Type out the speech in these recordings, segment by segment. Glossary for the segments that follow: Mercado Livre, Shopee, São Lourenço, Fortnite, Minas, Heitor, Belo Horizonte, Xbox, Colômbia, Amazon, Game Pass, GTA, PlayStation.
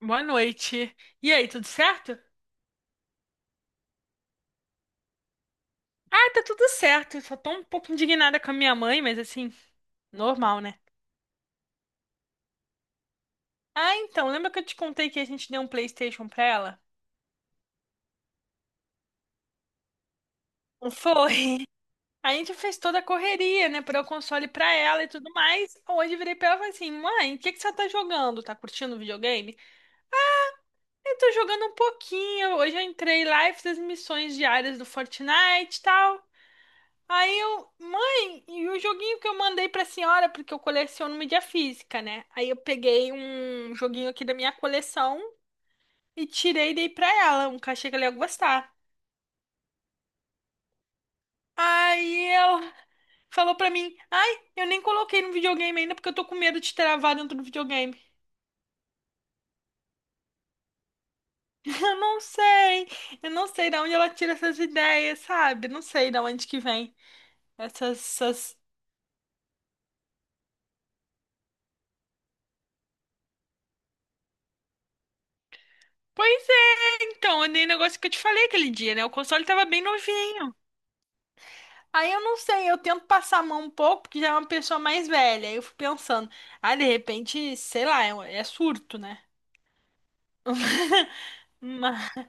Boa noite. E aí, tudo certo? Ah, tá tudo certo. Só tô um pouco indignada com a minha mãe, mas assim, normal, né? Ah, então, lembra que eu te contei que a gente deu um PlayStation pra ela? Foi. A gente fez toda a correria, né, pra dar o console pra ela e tudo mais. Hoje eu virei pra ela e falei assim: mãe, o que que você tá jogando? Tá curtindo o videogame? Eu tô jogando um pouquinho. Hoje eu entrei lá e fiz as missões diárias do Fortnite e tal. Aí eu, mãe, e o joguinho que eu mandei pra senhora, porque eu coleciono mídia física, né? Aí eu peguei um joguinho aqui da minha coleção e tirei e dei pra ela, um cachê que ela ia gostar. Aí ela falou pra mim: ai, eu nem coloquei no videogame ainda porque eu tô com medo de travar dentro do videogame. Eu não sei, eu não sei de onde ela tira essas ideias, sabe? Não sei de onde que vem essas, essas... Pois é, então, é nem negócio que eu te falei aquele dia, né? O console tava bem novinho. Aí eu não sei, eu tento passar a mão um pouco, porque já é uma pessoa mais velha. Aí eu fico pensando, ah, de repente, sei lá, é, um, é surto, né? Mas-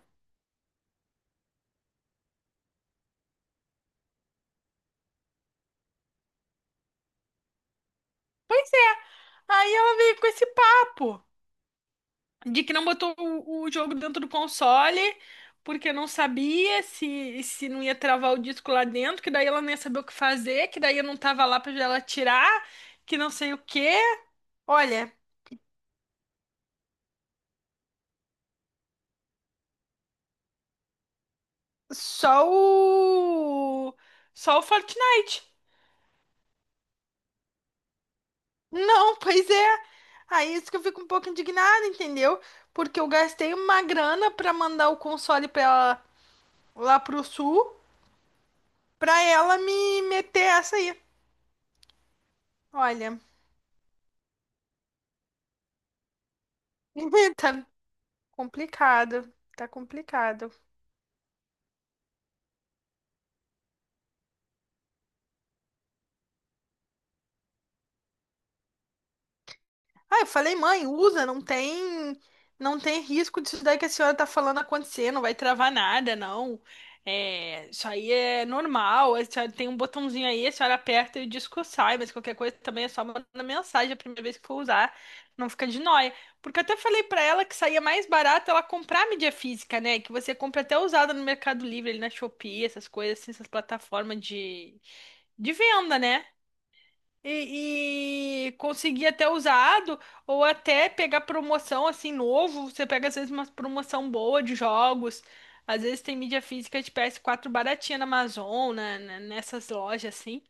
Pois é. Aí ela veio com esse papo de que não botou o jogo dentro do console, porque não sabia se não ia travar o disco lá dentro, que daí ela não ia saber o que fazer, que daí eu não tava lá pra ela tirar, que não sei o quê. Olha, só o. só o Fortnite. Não, pois é. Aí é isso que eu fico um pouco indignada, entendeu? Porque eu gastei uma grana pra mandar o console pra ela lá pro sul, pra ela me meter essa aí. Olha, tá complicado, tá complicado. Ah, eu falei, mãe, usa, não tem risco disso daí que a senhora tá falando acontecer, não vai travar nada, não. É, isso aí é normal, a senhora tem um botãozinho aí, a senhora aperta e o disco sai, mas qualquer coisa também é só mandar mensagem a primeira vez que for usar, não fica de nóia. Porque eu até falei pra ela que saía mais barato ela comprar mídia física, né? Que você compra até usada no Mercado Livre, ali na Shopee, essas coisas assim, essas plataformas de venda, né? E conseguir até usado ou até pegar promoção assim novo. Você pega às vezes uma promoção boa de jogos. Às vezes tem mídia física de PS4 baratinha na Amazon, né, nessas lojas assim.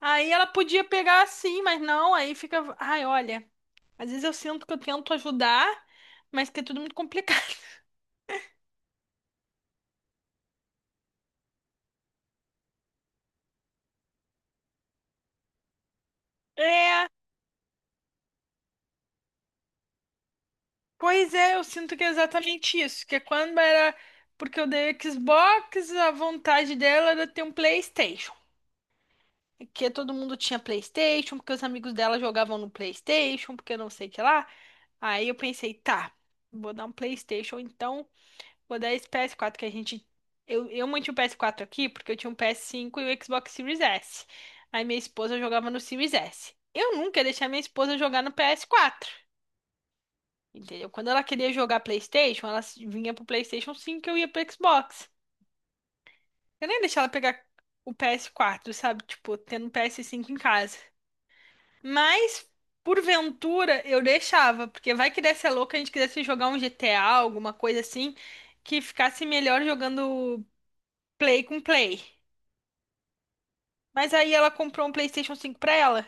Aí ela podia pegar assim, mas não, aí fica, ai, olha, às vezes eu sinto que eu tento ajudar, mas que é tudo muito complicado. É, pois é, eu sinto que é exatamente isso, que é quando era porque eu dei Xbox, a vontade dela era ter um PlayStation. Que todo mundo tinha PlayStation, porque os amigos dela jogavam no PlayStation, porque não sei o que lá. Aí eu pensei, tá, vou dar um PlayStation, então vou dar esse PS4 que a gente. Eu mantive o PS4 aqui porque eu tinha um PS5 e o Xbox Series S. Aí minha esposa jogava no Series S. Eu nunca ia deixar minha esposa jogar no PS4, entendeu? Quando ela queria jogar PlayStation, ela vinha pro PlayStation 5 e eu ia pro Xbox. Eu nem ia deixar ela pegar o PS4, sabe? Tipo, tendo um PS5 em casa. Mas, porventura, eu deixava, porque vai que desse a louca, a gente quisesse jogar um GTA, alguma coisa assim, que ficasse melhor jogando Play com Play. Mas aí ela comprou um PlayStation 5 pra ela.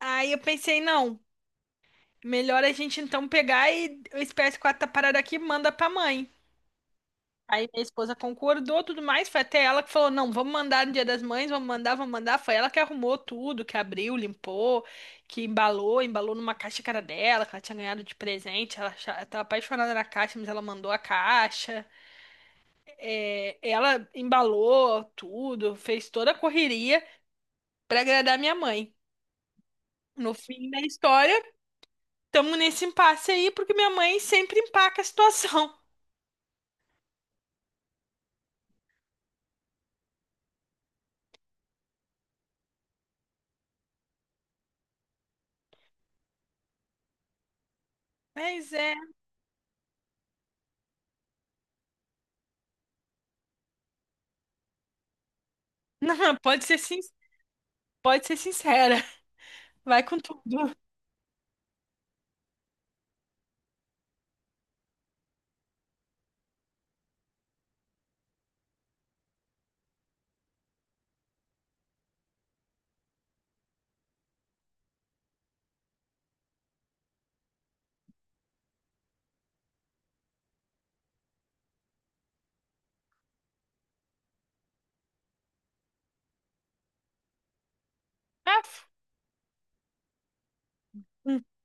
Aí eu pensei, não, melhor a gente então pegar e esse PS4 tá parado aqui, manda pra mãe. Aí minha esposa concordou, tudo mais. Foi até ela que falou: não, vamos mandar no Dia das Mães, vamos mandar, vamos mandar. Foi ela que arrumou tudo, que abriu, limpou, que embalou, numa caixa que era dela, que ela tinha ganhado de presente. Ela tava apaixonada na caixa, mas ela mandou a caixa. É, ela embalou tudo, fez toda a correria pra agradar minha mãe. No fim da história, estamos nesse impasse aí, porque minha mãe sempre empaca a situação. Mas é. Não, pode ser sincera. Vai com tudo. Ah,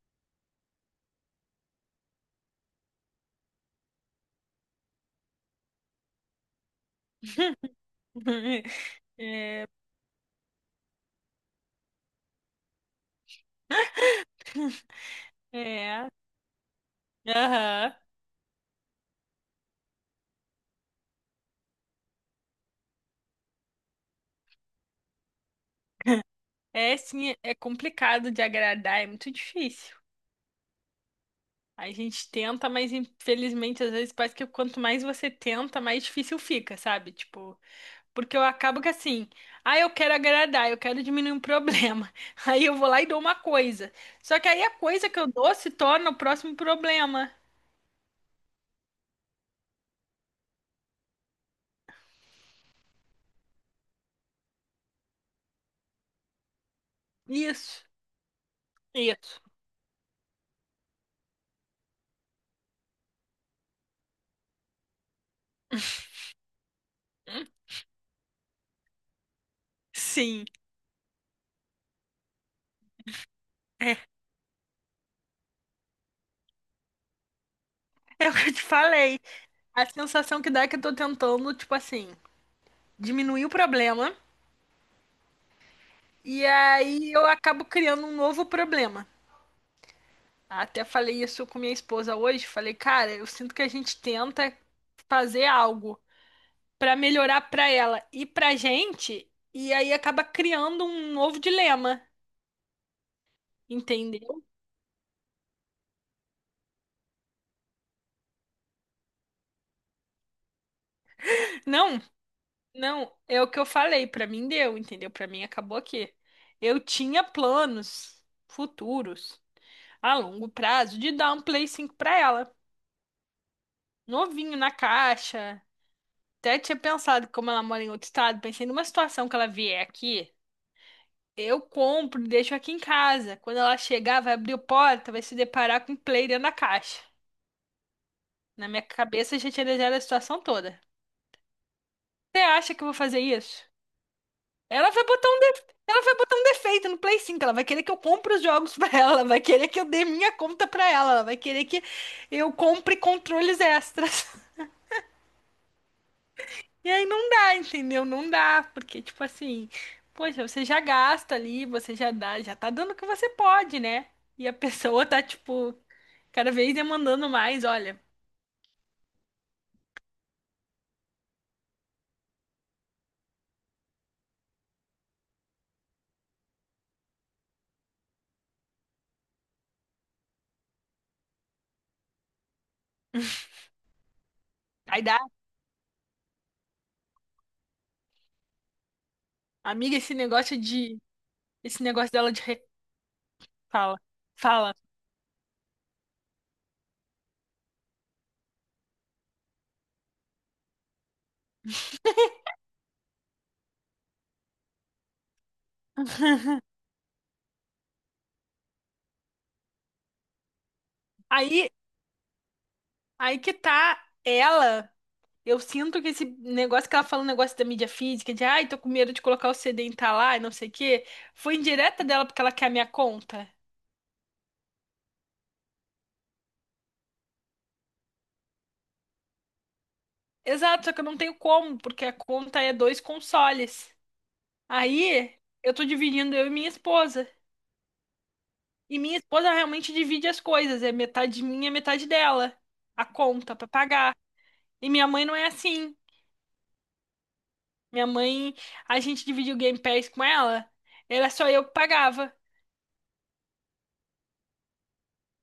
é, é, aham. É sim, é complicado de agradar, é muito difícil. A gente tenta, mas infelizmente às vezes parece que quanto mais você tenta, mais difícil fica, sabe? Tipo, porque eu acabo que assim, ah, eu quero agradar, eu quero diminuir um problema. Aí eu vou lá e dou uma coisa. Só que aí a coisa que eu dou se torna o próximo problema. Isso, isso. Hum, sim, é, é o que eu te falei. A sensação que dá é que eu tô tentando, tipo assim, diminuir o problema e aí eu acabo criando um novo problema. Até falei isso com minha esposa hoje, falei, cara, eu sinto que a gente tenta fazer algo pra melhorar pra ela e pra gente e aí acaba criando um novo dilema, entendeu? Não, não, é o que eu falei, pra mim deu, entendeu? Pra mim acabou aqui. Eu tinha planos futuros a longo prazo de dar um Play 5 pra ela, novinho na caixa. Até tinha pensado, como ela mora em outro estado, pensei numa situação que ela vier aqui, eu compro e deixo aqui em casa. Quando ela chegar, vai abrir a porta, vai se deparar com o play dentro da caixa. Na minha cabeça já tinha desenhado a situação toda. Você acha que eu vou fazer isso? Ela vai botar um de... ela vai botar um defeito no Play 5. Ela vai querer que eu compre os jogos pra ela, ela vai querer que eu dê minha conta pra ela, ela vai querer que eu compre controles extras. E aí não dá, entendeu? Não dá, porque, tipo assim, poxa, você já gasta ali, você já dá, já tá dando o que você pode, né? E a pessoa tá, tipo, cada vez demandando mais, olha. Aí dá, amiga, esse negócio dela fala, fala. Aí, aí que tá ela. Eu sinto que esse negócio que ela fala, o negócio da mídia física, de ai, tô com medo de colocar o CD em tal lá e não sei o quê, foi indireta dela porque ela quer a minha conta. Exato, só que eu não tenho como, porque a conta é dois consoles. Aí eu tô dividindo eu e minha esposa. E minha esposa realmente divide as coisas, é metade minha, metade dela. A conta pra pagar. E minha mãe não é assim. Minha mãe, a gente dividiu o Game Pass com ela, era só eu que pagava.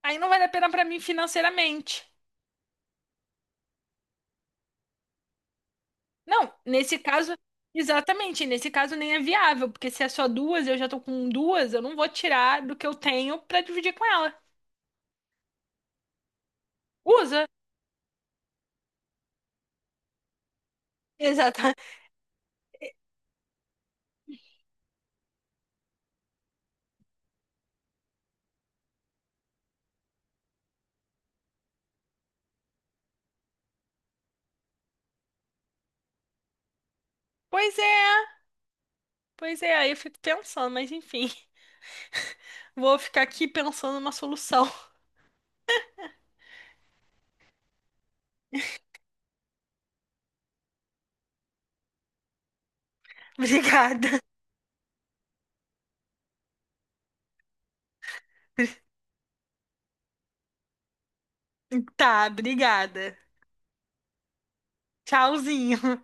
Aí não vale a pena pra mim financeiramente. Não, nesse caso, exatamente, nesse caso nem é viável, porque se é só duas, eu já tô com duas, eu não vou tirar do que eu tenho pra dividir com ela. Usa. Exatamente. Pois é, pois é, aí eu fico pensando, mas enfim, vou ficar aqui pensando numa solução. Obrigada. Tá, obrigada. Tchauzinho.